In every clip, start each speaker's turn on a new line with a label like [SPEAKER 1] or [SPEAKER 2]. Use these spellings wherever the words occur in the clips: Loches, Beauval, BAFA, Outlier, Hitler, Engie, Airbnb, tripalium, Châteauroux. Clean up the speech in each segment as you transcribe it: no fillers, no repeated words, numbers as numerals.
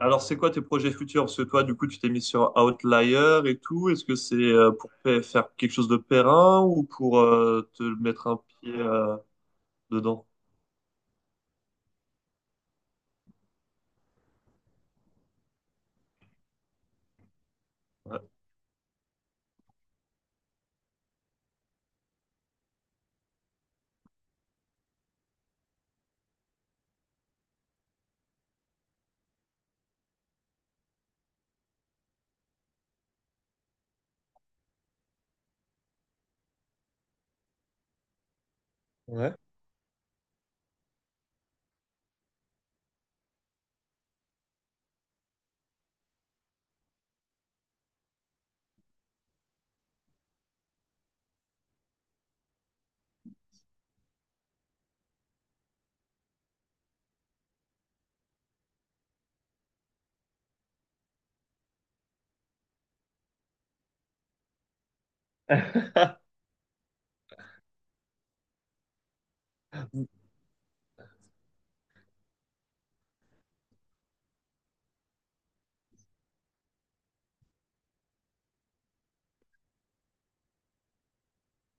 [SPEAKER 1] Alors, c'est quoi tes projets futurs? Parce que toi, du coup, tu t'es mis sur Outlier et tout. Est-ce que c'est pour faire quelque chose de périn ou pour te mettre un pied dedans? Ouais. Ouais.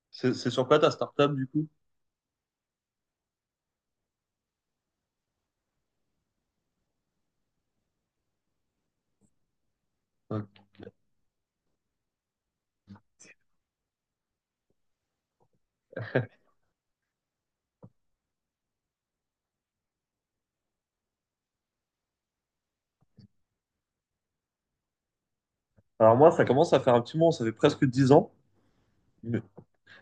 [SPEAKER 1] C'est sur quoi ta startup, du coup? Ouais. Alors moi, ça commence à faire un petit moment, ça fait presque 10 ans. Mais,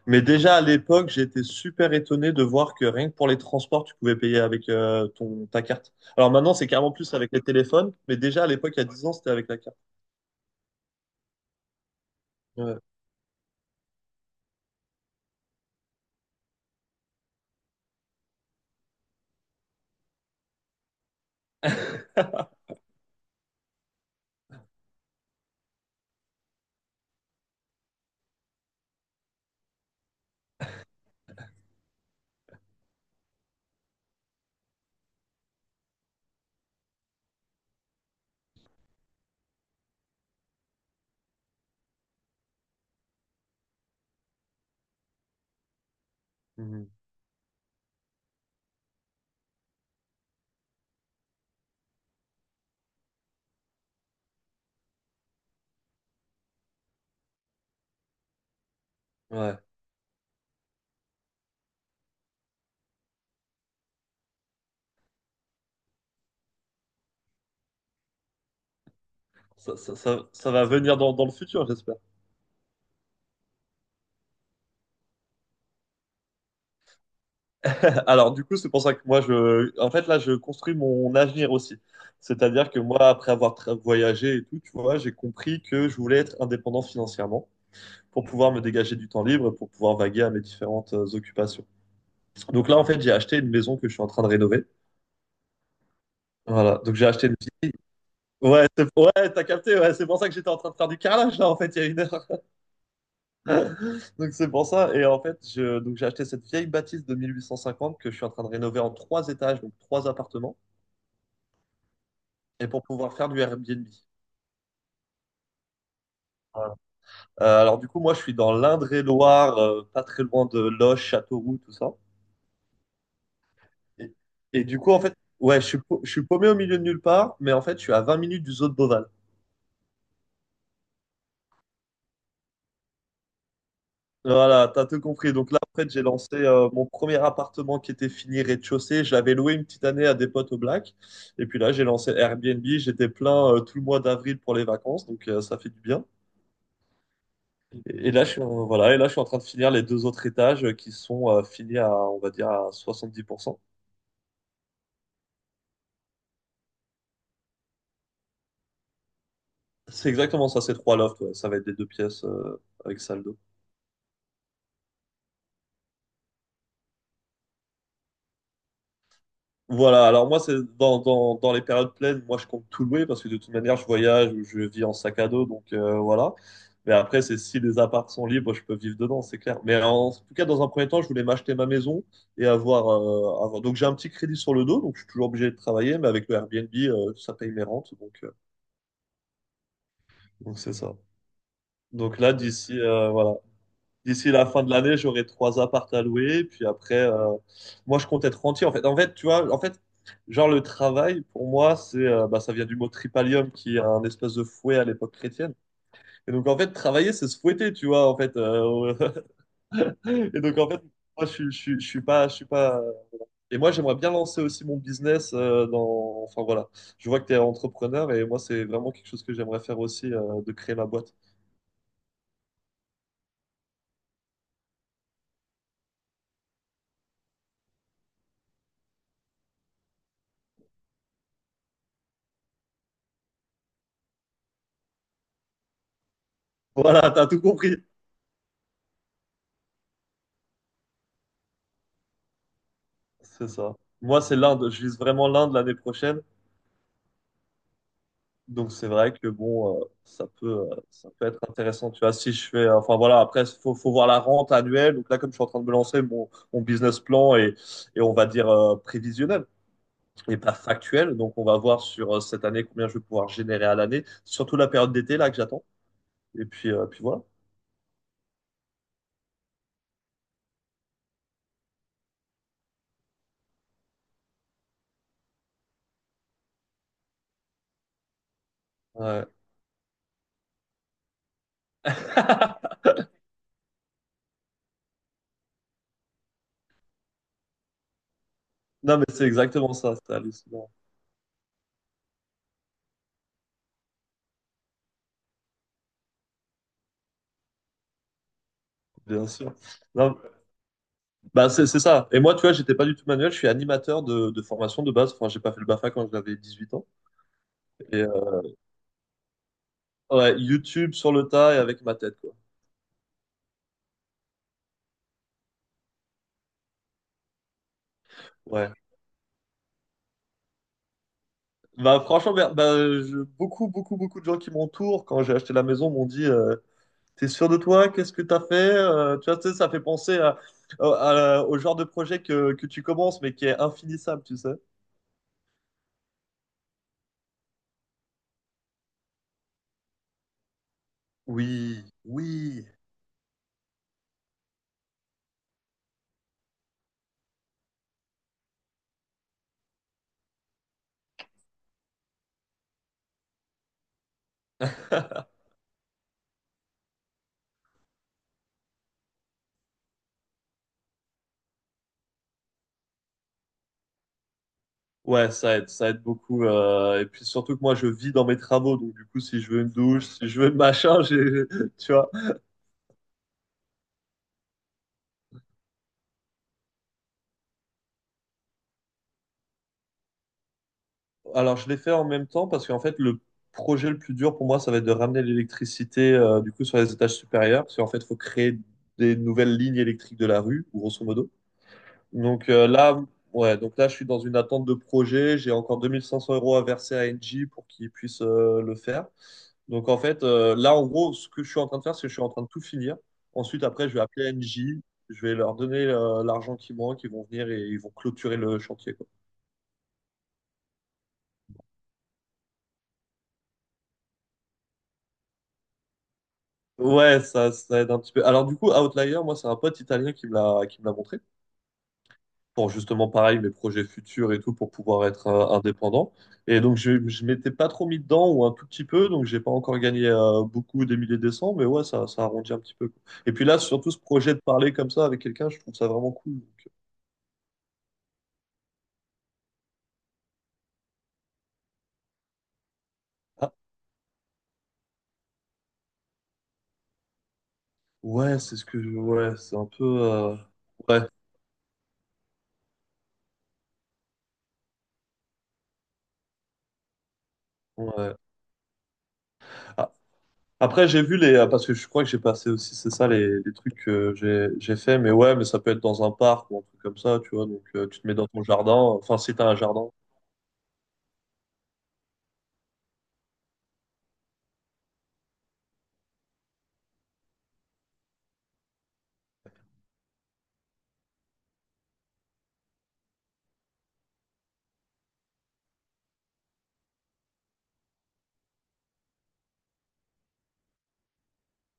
[SPEAKER 1] mais déjà à l'époque, j'étais super étonné de voir que rien que pour les transports, tu pouvais payer avec ta carte. Alors maintenant, c'est carrément plus avec les téléphones, mais déjà à l'époque, il y a 10 ans, c'était avec la carte. Ouais. Mhm. Ouais. Ça va venir dans le futur, j'espère. Alors, du coup, c'est pour ça que moi, je, en fait, là, je construis mon avenir aussi. C'est-à-dire que moi, après avoir voyagé et tout, tu vois, j'ai compris que je voulais être indépendant financièrement pour pouvoir me dégager du temps libre, pour pouvoir vaguer à mes différentes occupations. Donc là, en fait, j'ai acheté une maison que je suis en train de rénover. Voilà. Donc j'ai acheté une vieille. Ouais, ouais, t'as capté. Ouais, c'est pour ça que j'étais en train de faire du carrelage là, en fait, il y a 1 heure. Donc c'est pour ça. Et en fait, donc j'ai acheté cette vieille bâtisse de 1850 que je suis en train de rénover en trois étages, donc trois appartements. Et pour pouvoir faire du Airbnb. Voilà. Alors du coup, moi, je suis dans l'Indre-et-Loire, pas très loin de Loches, Châteauroux, tout ça. Et, et du coup, en fait, ouais, je suis paumé au milieu de nulle part, mais en fait, je suis à 20 minutes du zoo de Beauval. Voilà, t'as tout compris. Donc là, en fait, j'ai lancé mon premier appartement qui était fini rez-de-chaussée. Je l'avais loué une petite année à des potes au Black. Et puis là, j'ai lancé Airbnb. J'étais plein tout le mois d'avril pour les vacances, donc ça fait du bien. Et là, je suis, voilà, et là, je suis en train de finir les deux autres étages qui sont finis à, on va dire, à 70%. C'est exactement ça, c'est trois lofts, ouais. Ça va être des deux pièces avec salle d'eau. Voilà, alors moi, c'est dans les périodes pleines, moi, je compte tout louer parce que de toute manière, je voyage ou je vis en sac à dos, donc voilà. Mais après, c'est si les apparts sont libres, je peux vivre dedans, c'est clair. Mais en, tout cas, dans un premier temps, je voulais m'acheter ma maison et avoir, avoir... Donc, j'ai un petit crédit sur le dos, donc je suis toujours obligé de travailler, mais avec le Airbnb, ça paye mes rentes, donc c'est ça. Donc là, d'ici la fin de l'année, j'aurai trois apparts à louer. Puis après, moi, je compte être rentier. Tu vois, en fait, genre le travail pour moi, c'est, bah, ça vient du mot tripalium, qui est un espèce de fouet à l'époque chrétienne. Et donc en fait, travailler, c'est se fouetter, tu vois, en fait. Et donc en fait, moi, je suis pas. Et moi, j'aimerais bien lancer aussi mon business dans. Enfin voilà, je vois que tu es entrepreneur et moi, c'est vraiment quelque chose que j'aimerais faire aussi, de créer ma boîte. Voilà, t'as tout compris. C'est ça. Moi, c'est l'Inde. Je vise vraiment l'Inde l'année prochaine. Donc, c'est vrai que bon, ça peut être intéressant. Tu vois, si je fais, enfin voilà, après, faut voir la rente annuelle. Donc là, comme je suis en train de me lancer, mon business plan est, et on va dire, prévisionnel et pas factuel. Donc, on va voir sur cette année combien je vais pouvoir générer à l'année, surtout la période d'été là que j'attends. Et puis voilà. Ouais. Non, mais c'est exactement ça. C'est hallucinant. Bien sûr. Non, bah, c'est ça. Et moi, tu vois, j'étais pas du tout manuel. Je suis animateur de formation de base. Enfin, j'ai pas fait le BAFA quand j'avais 18 ans. Et ouais, YouTube sur le tas et avec ma tête, quoi. Ouais. Bah, franchement, beaucoup, beaucoup, beaucoup de gens qui m'entourent quand j'ai acheté la maison m'ont dit t'es sûr de toi? Qu'est-ce que t'as fait? Tu vois, tu sais, ça fait penser à, au genre de projet que tu commences, mais qui est infinissable, tu sais. Oui, oui. Ouais, ça aide beaucoup. Et puis surtout que moi, je vis dans mes travaux, donc du coup, si je veux une douche, si je veux le machin, j'ai, tu vois. Alors, je l'ai fait en même temps parce qu'en fait, le projet le plus dur pour moi, ça va être de ramener l'électricité du coup sur les étages supérieurs, parce qu'en fait, il faut créer des nouvelles lignes électriques de la rue, grosso modo. Donc là, ouais, je suis dans une attente de projet. J'ai encore 2500 € à verser à Engie pour qu'ils puissent le faire. Donc en fait, là, en gros, ce que je suis en train de faire, c'est que je suis en train de tout finir. Ensuite, après, je vais appeler Engie. Je vais leur donner l'argent qui manque. Ils vont venir et ils vont clôturer le chantier, quoi. Ouais, ça aide un petit peu. Alors du coup, Outlier, moi, c'est un pote italien qui me l'a montré. Pour justement pareil mes projets futurs et tout pour pouvoir être indépendant. Et donc je m'étais pas trop mis dedans ou un tout petit peu, donc j'ai pas encore gagné beaucoup des milliers de cents, mais ouais, ça arrondit un petit peu, quoi. Et puis là, surtout ce projet de parler comme ça avec quelqu'un, je trouve ça vraiment cool. Donc, ah, ouais, c'est ce que ouais, c'est un peu ouais, ouais. Après, j'ai vu les, parce que je crois que j'ai passé aussi, c'est ça, les, trucs que j'ai fait, mais ouais, mais ça peut être dans un parc ou un truc comme ça, tu vois, donc tu te mets dans ton jardin, enfin, si t'as un jardin,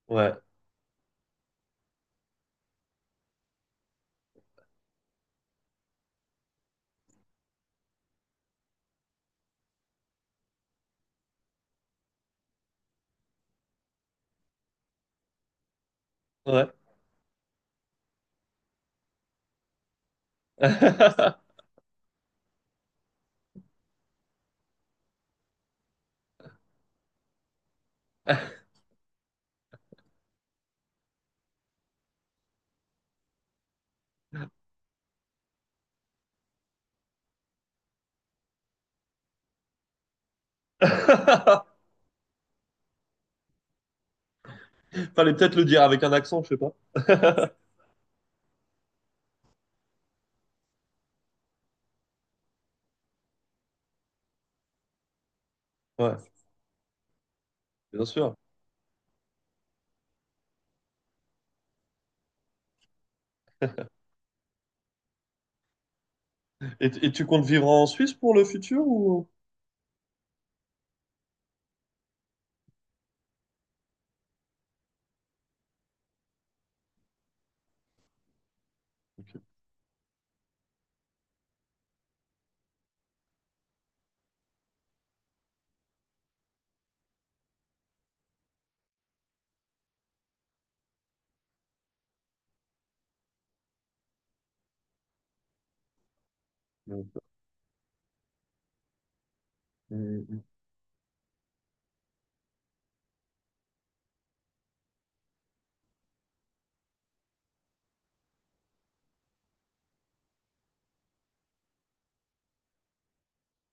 [SPEAKER 1] ouais, ouais. Fallait peut-être le dire avec un accent, je sais pas. Ouais, bien sûr. Et tu comptes vivre en Suisse pour le futur ou? Ok. Mm, mm, mm.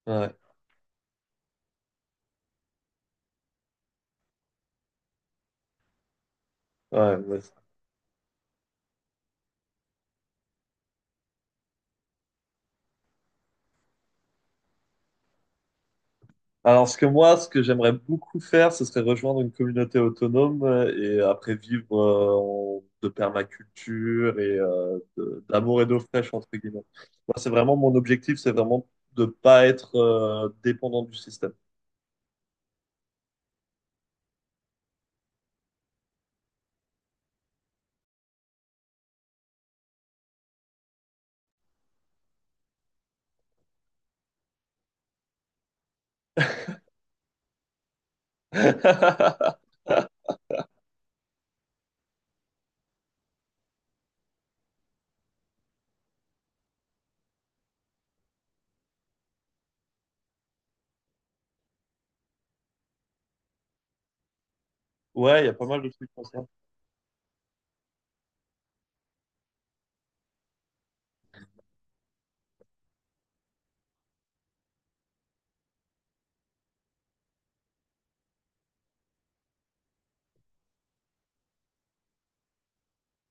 [SPEAKER 1] Ouais, ouais, ouais. Alors, ce que moi, ce que j'aimerais beaucoup faire, ce serait rejoindre une communauté autonome et après vivre de permaculture et d'amour et d'eau fraîche, entre guillemets. Moi, c'est vraiment mon objectif, c'est vraiment de pas être dépendant du système. Ouais, il y a pas mal de trucs comme ça.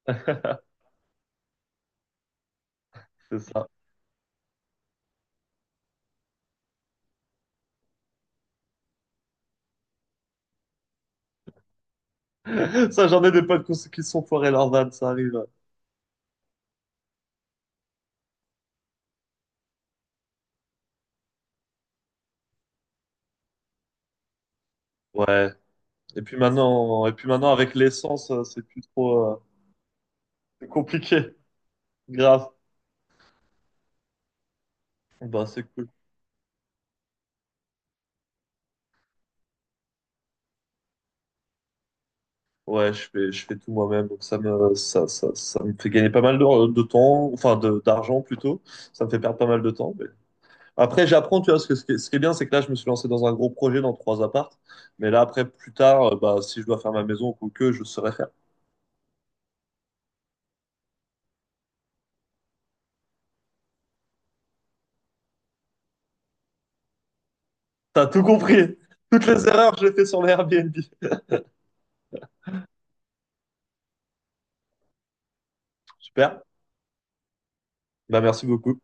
[SPEAKER 1] C'est ça. Ça, j'en ai des potes qui se sont foirés leurs vannes, ça arrive. Ouais. Et puis maintenant avec l'essence, c'est plus trop compliqué. Grave. Bah, c'est cool. Ouais, je fais tout moi-même, donc ça me fait gagner pas mal de temps, enfin de, d'argent plutôt. Ça me fait perdre pas mal de temps Après, j'apprends, tu vois, ce que, ce qui est bien, c'est que là, je me suis lancé dans un gros projet dans trois appartes. Mais là, après, plus tard, bah, si je dois faire ma maison ou que, je saurais faire. T'as tout compris. Toutes les erreurs que j'ai fait sur les Airbnb. Super. Bah, merci beaucoup.